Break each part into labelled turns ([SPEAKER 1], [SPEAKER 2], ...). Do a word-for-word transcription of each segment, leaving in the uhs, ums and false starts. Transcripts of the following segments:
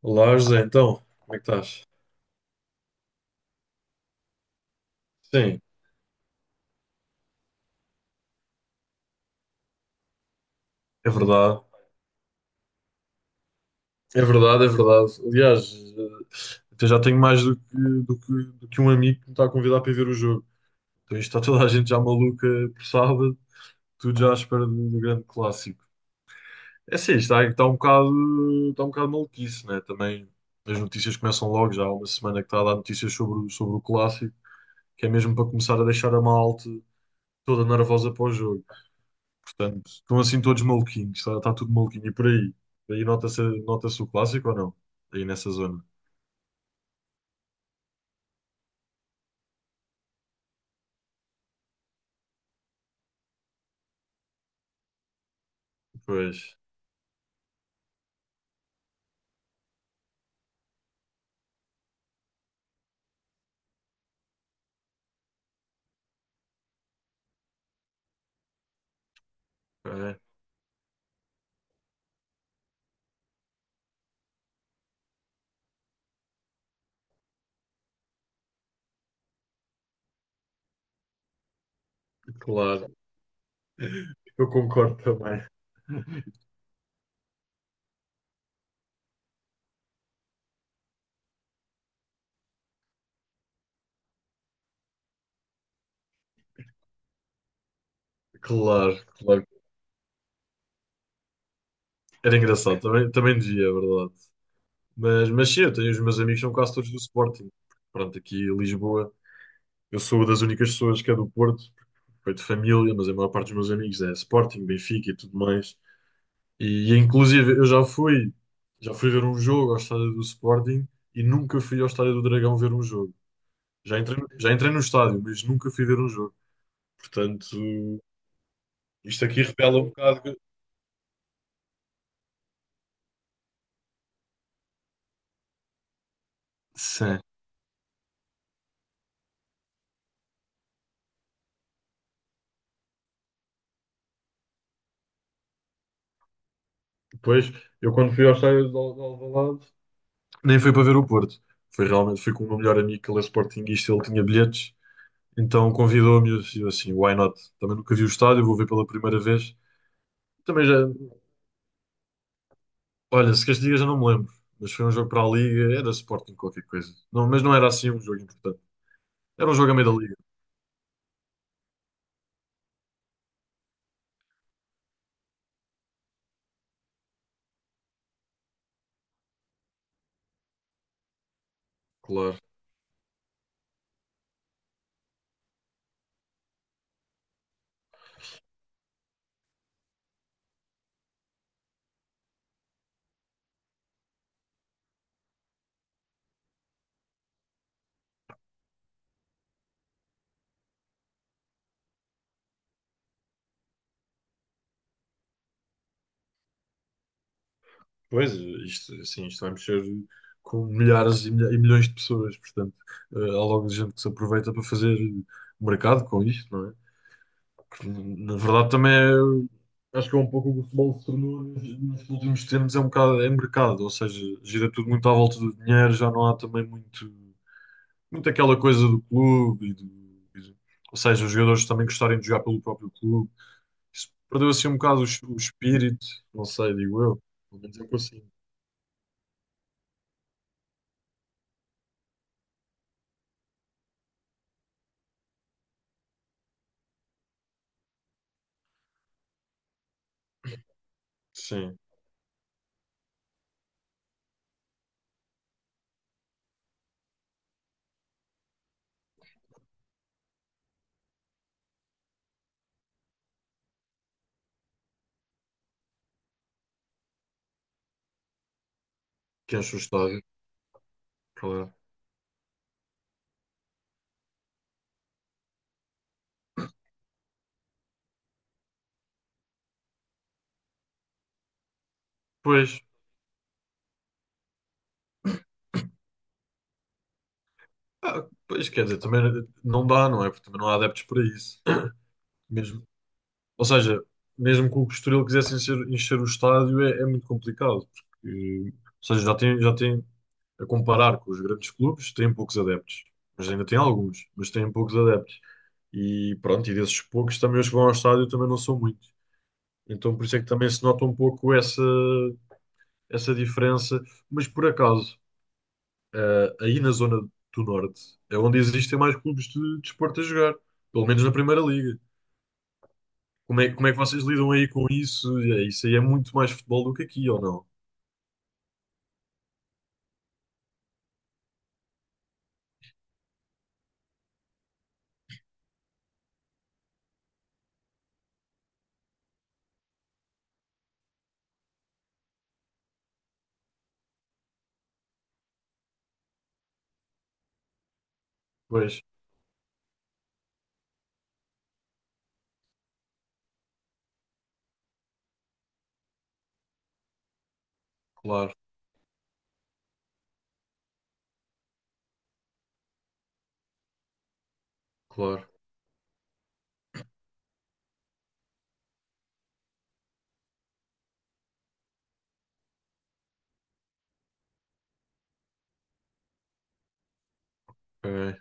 [SPEAKER 1] Olá, José, então, como é que estás? Sim, é verdade, é verdade, é verdade. Aliás, eh, até já tenho mais do que, do que, do que um amigo que me está a convidar para ir ver o jogo. Então, isto está toda a gente já maluca por sábado, tudo já à espera do, do grande clássico. É sim, está, está um bocado, está um bocado maluquice, né? Também as notícias começam logo, já há uma semana que está a dar notícias sobre, o- sobre o clássico, que é mesmo para começar a deixar a malta toda nervosa para o jogo. Portanto, estão assim todos maluquinhos, está, está tudo maluquinho. E por aí? Aí nota-se nota-se o clássico ou não? Aí nessa zona. Pois, é, claro, eu concordo também. Claro, claro. Era engraçado, também, também dizia, é verdade. Mas, mas sim, eu tenho os meus amigos, são quase todos do Sporting. Pronto, aqui em Lisboa, eu sou uma das únicas pessoas que é do Porto, foi de família, mas a maior parte dos meus amigos é Sporting, Benfica e tudo mais. E, e, inclusive eu já fui, já fui ver um jogo ao estádio do Sporting e nunca fui ao estádio do Dragão ver um jogo. Já entrei, no- já entrei no estádio, mas nunca fui ver um jogo. Portanto, isto aqui revela um bocado. Que- Sim. Depois, eu quando fui ao estádio de Al- de Alvalade, nem foi para ver o Porto. Foi realmente, fui com o meu melhor amigo, que ele é sportinguista, ele tinha bilhetes. Então convidou-me e eu disse assim, why not? Também nunca vi o estádio, vou ver pela primeira vez. Também já, olha, se queres que diga, já não me lembro. Mas foi um jogo para a Liga, era Sporting qualquer coisa. Não, mas não era assim um jogo importante. Era um jogo a meio da Liga, claro. Pois, isto, assim, isto vai mexer com milhares e, milha- e milhões de pessoas. Portanto, eh, há logo gente que se aproveita para fazer mercado com isto, não é? Que, na verdade, também é, acho que é um pouco o que o futebol se tornou nos, nos últimos tempos. É um bocado, é mercado, ou seja, gira tudo muito à volta do dinheiro, já não há também muito. Muito aquela coisa do clube e do, e do- ou seja, os jogadores também gostarem de jogar pelo próprio clube. Isso perdeu assim um bocado o, es- o espírito, não sei, digo eu. Pelo menos é que eu sinto. Sim, que enche o estádio, claro. Pois, ah, pois quer dizer, também não dá, não é? Porque também não há adeptos para isso. Mesmo, ou seja, mesmo que o Estoril quisesse encher, encher o estádio, é, é muito complicado. Porque, ou seja, já tem, já tem, a comparar com os grandes clubes, tem poucos adeptos. Mas ainda tem alguns, mas tem poucos adeptos. E pronto, e desses poucos também os que vão ao estádio também não são muitos. Então por isso é que também se nota um pouco essa, essa diferença. Mas por acaso, eh, aí na zona do Norte é onde existem mais clubes de desporto a jogar, pelo menos na Primeira Liga. Como é, como é que vocês lidam aí com isso? É, isso aí é muito mais futebol do que aqui, ou não? Pois, claro, claro. Ok,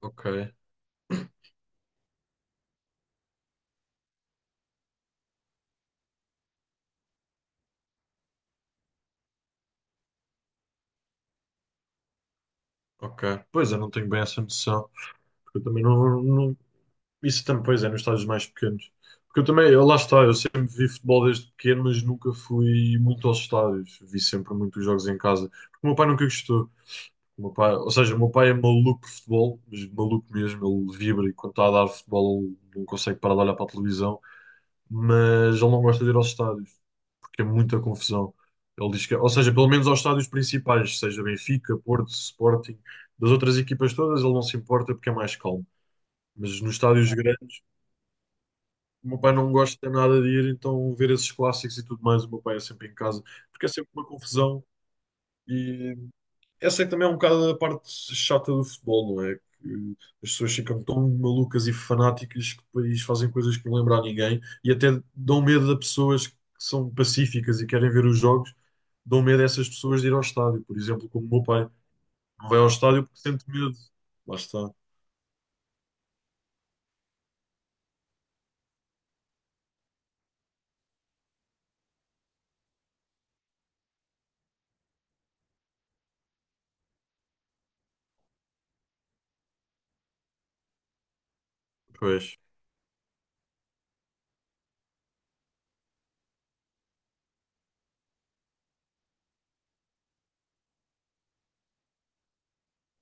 [SPEAKER 1] ok, ok. Pois eu não tenho bem essa noção, porque eu também não, não, isso também, pois é, nos estádios mais pequenos. Porque eu também, eu- lá está, eu sempre vi futebol desde pequeno, mas nunca fui muito aos estádios. Vi sempre muitos jogos em casa. Porque o meu pai nunca gostou. O meu pai, ou seja, o meu pai é maluco por futebol, mas maluco mesmo, ele vibra e quando está a dar futebol ele não consegue parar de olhar para a televisão, mas ele não gosta de ir aos estádios, porque é muita confusão. Ele diz que, ou seja, pelo menos aos estádios principais, seja Benfica, Porto, Sporting, das outras equipas todas, ele não se importa porque é mais calmo. Mas nos estádios grandes. O meu pai não gosta nada de ir, então ver esses clássicos e tudo mais, o meu pai é sempre em casa, porque é sempre uma confusão. E essa é que também é um bocado a parte chata do futebol, não é? Que as pessoas ficam tão malucas e fanáticas que depois fazem coisas que não lembram a ninguém e até dão medo a pessoas que são pacíficas e querem ver os jogos, dão medo a essas pessoas de ir ao estádio, por exemplo, como o meu pai. Não vai ao estádio porque sente medo. Lá está. Pois,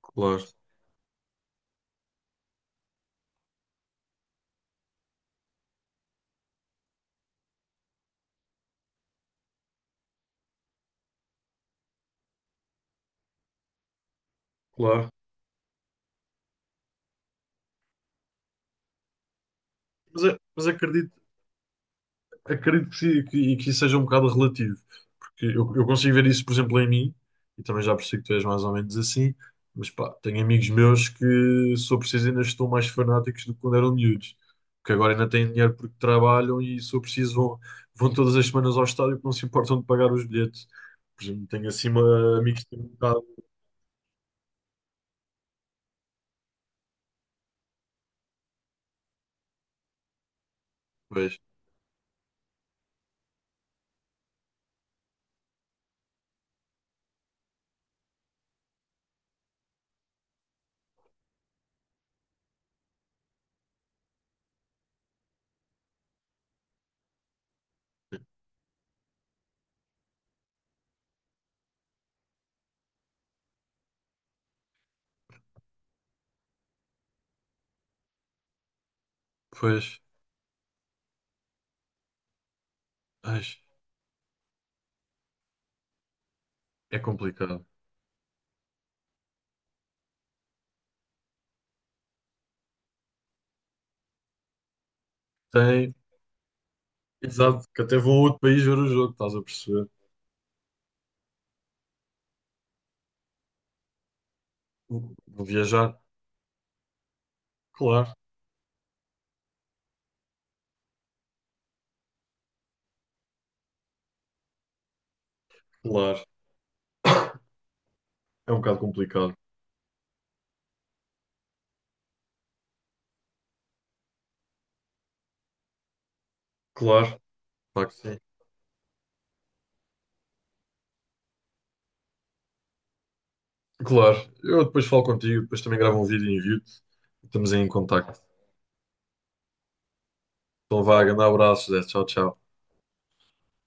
[SPEAKER 1] claro, claro. Mas, é- mas acredito. Acredito que, sim, que, que isso seja um bocado relativo, porque eu, eu consigo ver isso, por exemplo, em mim, e também já percebi que tu és mais ou menos assim, mas pá, tenho amigos meus que, se eu preciso, ainda estão mais fanáticos do que quando eram miúdos, que agora ainda têm dinheiro porque trabalham e, se eu preciso, vão, vão todas as semanas ao estádio porque não se importam de pagar os bilhetes. Por exemplo, tenho assim uma, amigos que têm um bocado. Pois, pois, ai, é complicado. Tem, exato, que até vão a outro país ver o jogo, estás a perceber? Vou viajar, claro. Claro. É um bocado complicado. Claro, claro que sim. Claro. Eu depois falo contigo, depois também gravo um vídeo e envio-te. Estamos em contacto. Então vá, grande abraço, Zé. Tchau, tchau.